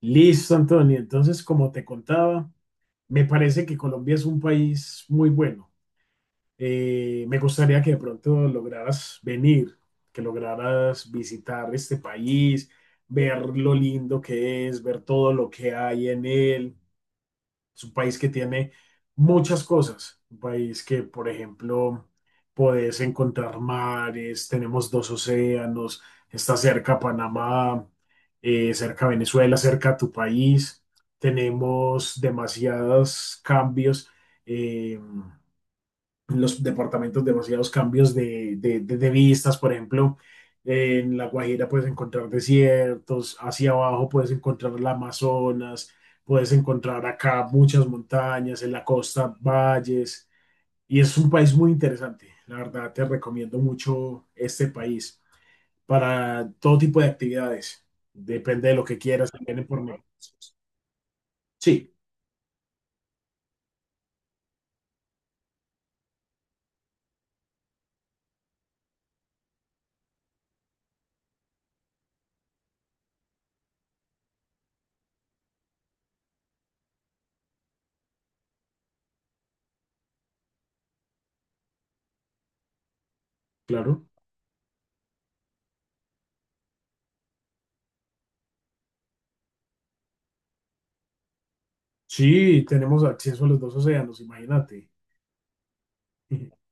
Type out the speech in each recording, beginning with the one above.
Listo, Antonio. Entonces, como te contaba, me parece que Colombia es un país muy bueno. Me gustaría que de pronto lograras venir, que lograras visitar este país, ver lo lindo que es, ver todo lo que hay en él. Es un país que tiene muchas cosas. Un país que, por ejemplo, podés encontrar mares, tenemos dos océanos, está cerca Panamá, cerca Venezuela, cerca a tu país. Tenemos demasiados cambios. eh, los departamentos demasiados cambios de vistas, por ejemplo, en La Guajira puedes encontrar desiertos, hacia abajo puedes encontrar la Amazonas, puedes encontrar acá muchas montañas, en la costa valles, y es un país muy interesante. La verdad, te recomiendo mucho este país para todo tipo de actividades. Depende de lo que quieras también en por medio. Sí, claro. Sí, tenemos acceso a los dos océanos, imagínate.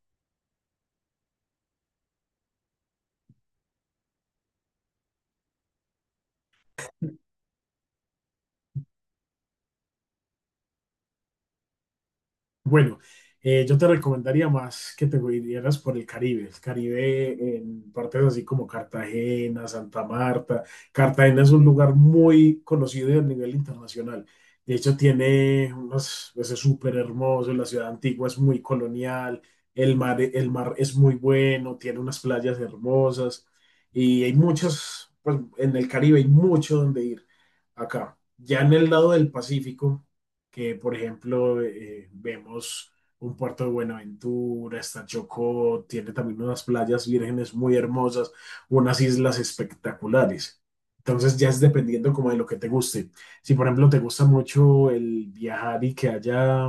Bueno, yo te recomendaría más que te vinieras por el Caribe. El Caribe en partes así como Cartagena, Santa Marta. Cartagena es un lugar muy conocido a nivel internacional. De hecho, tiene unas, pues, es súper hermoso. La ciudad antigua es muy colonial. El mar es muy bueno. Tiene unas playas hermosas. Y hay muchos, pues en el Caribe hay mucho donde ir acá. Ya en el lado del Pacífico que, por ejemplo, vemos un puerto de Buenaventura, está Chocó, tiene también unas playas vírgenes muy hermosas, unas islas espectaculares. Entonces ya es dependiendo como de lo que te guste. Si, por ejemplo, te gusta mucho el viajar y que haya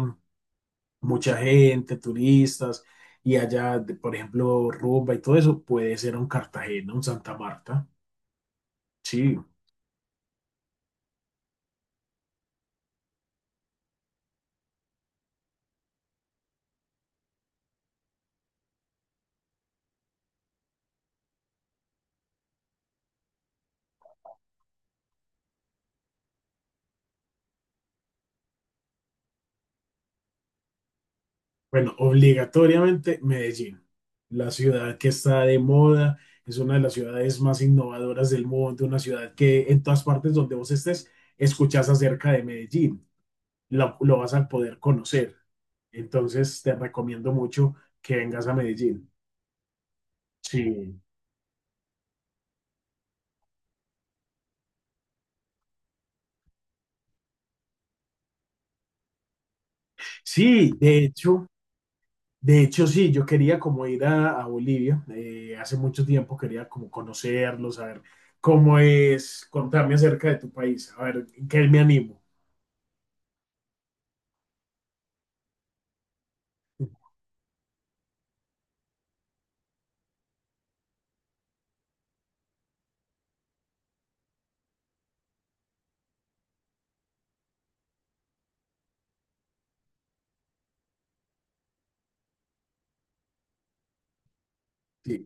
mucha gente, turistas, y haya por ejemplo rumba y todo eso, puede ser un Cartagena, un Santa Marta. Sí. Bueno, obligatoriamente Medellín, la ciudad que está de moda, es una de las ciudades más innovadoras del mundo, una ciudad que en todas partes donde vos estés escuchas acerca de Medellín, lo vas a poder conocer. Entonces te recomiendo mucho que vengas a Medellín. Sí, sí, de hecho sí, yo quería como ir a Bolivia, hace mucho tiempo quería como conocerlo, saber cómo es, contarme acerca de tu país, a ver, ¿en qué me animo? Sí.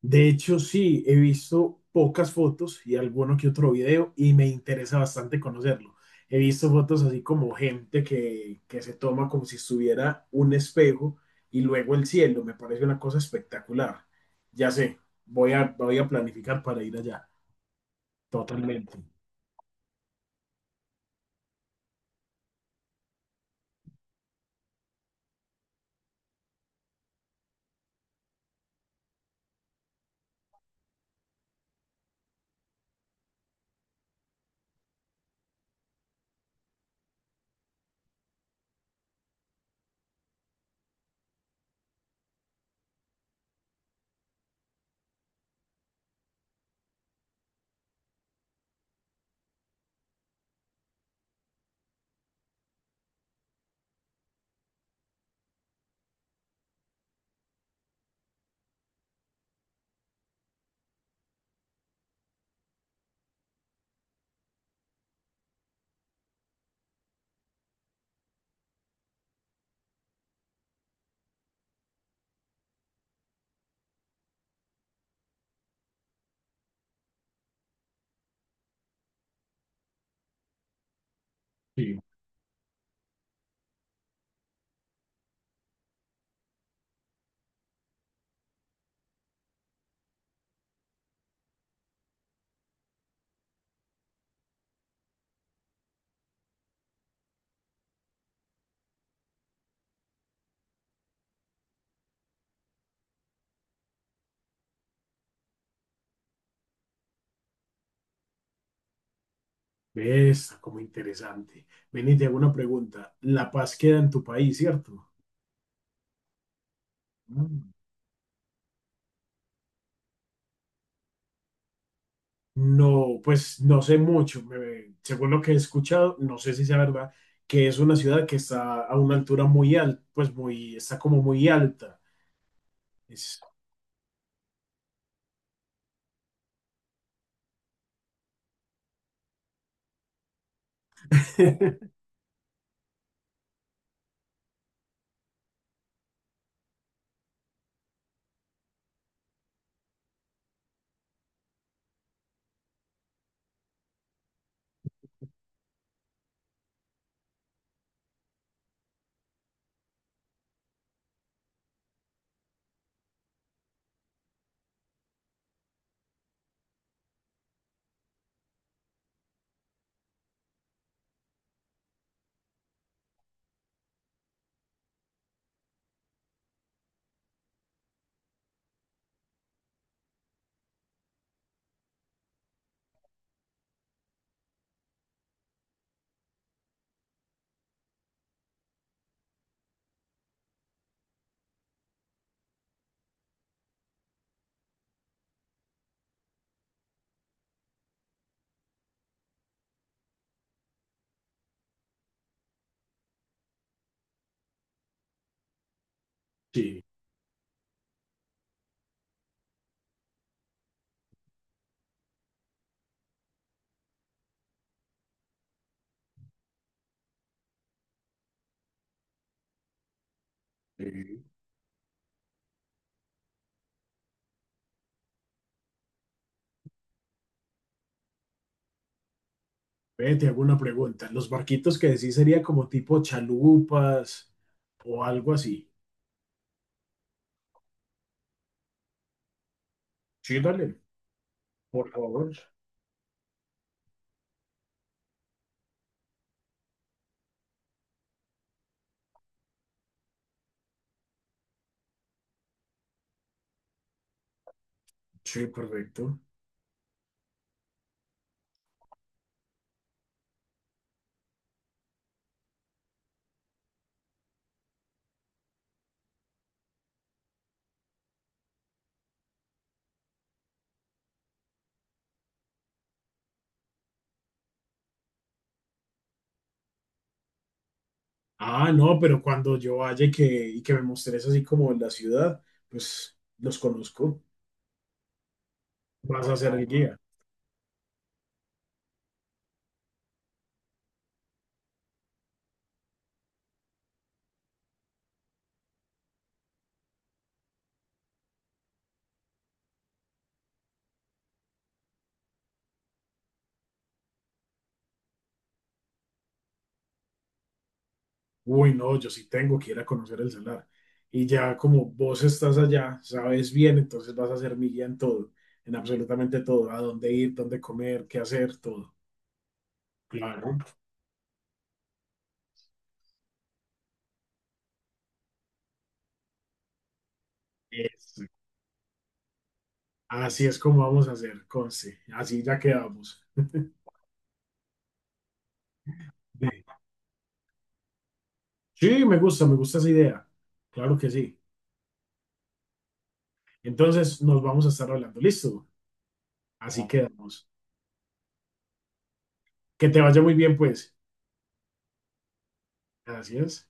De hecho, sí, he visto pocas fotos y alguno que otro video y me interesa bastante conocerlo. He visto fotos así como gente que se toma como si estuviera un espejo y luego el cielo. Me parece una cosa espectacular. Ya sé, voy a, voy a planificar para ir allá. Totalmente. Sí. ¿Ves? Como interesante. Ven y te hago una pregunta. La Paz queda en tu país, ¿cierto? Mm. No, pues no sé mucho. Según lo que he escuchado, no sé si sea verdad, que es una ciudad que está a una altura muy alta, pues muy, está como muy alta. Es- sí. eh, Ve, te hago una pregunta. ¿Los barquitos que decís sería como tipo chalupas o algo así? Sí, dale, por favor. Sí, correcto. Ah, no, pero cuando yo vaya y que me mostres así como la ciudad, pues los conozco. Vas a ser el guía. Uy, no, yo sí tengo que ir a conocer el salar. Y ya como vos estás allá, sabes bien, entonces vas a ser mi guía en todo, en absolutamente todo, a dónde ir, dónde comer, qué hacer, todo. Claro. Eso. Así es como vamos a hacer, conste. Así ya quedamos. Ve. Sí, me gusta esa idea. Claro que sí. Entonces nos vamos a estar hablando. Listo. Así quedamos. Que te vaya muy bien, pues. Gracias.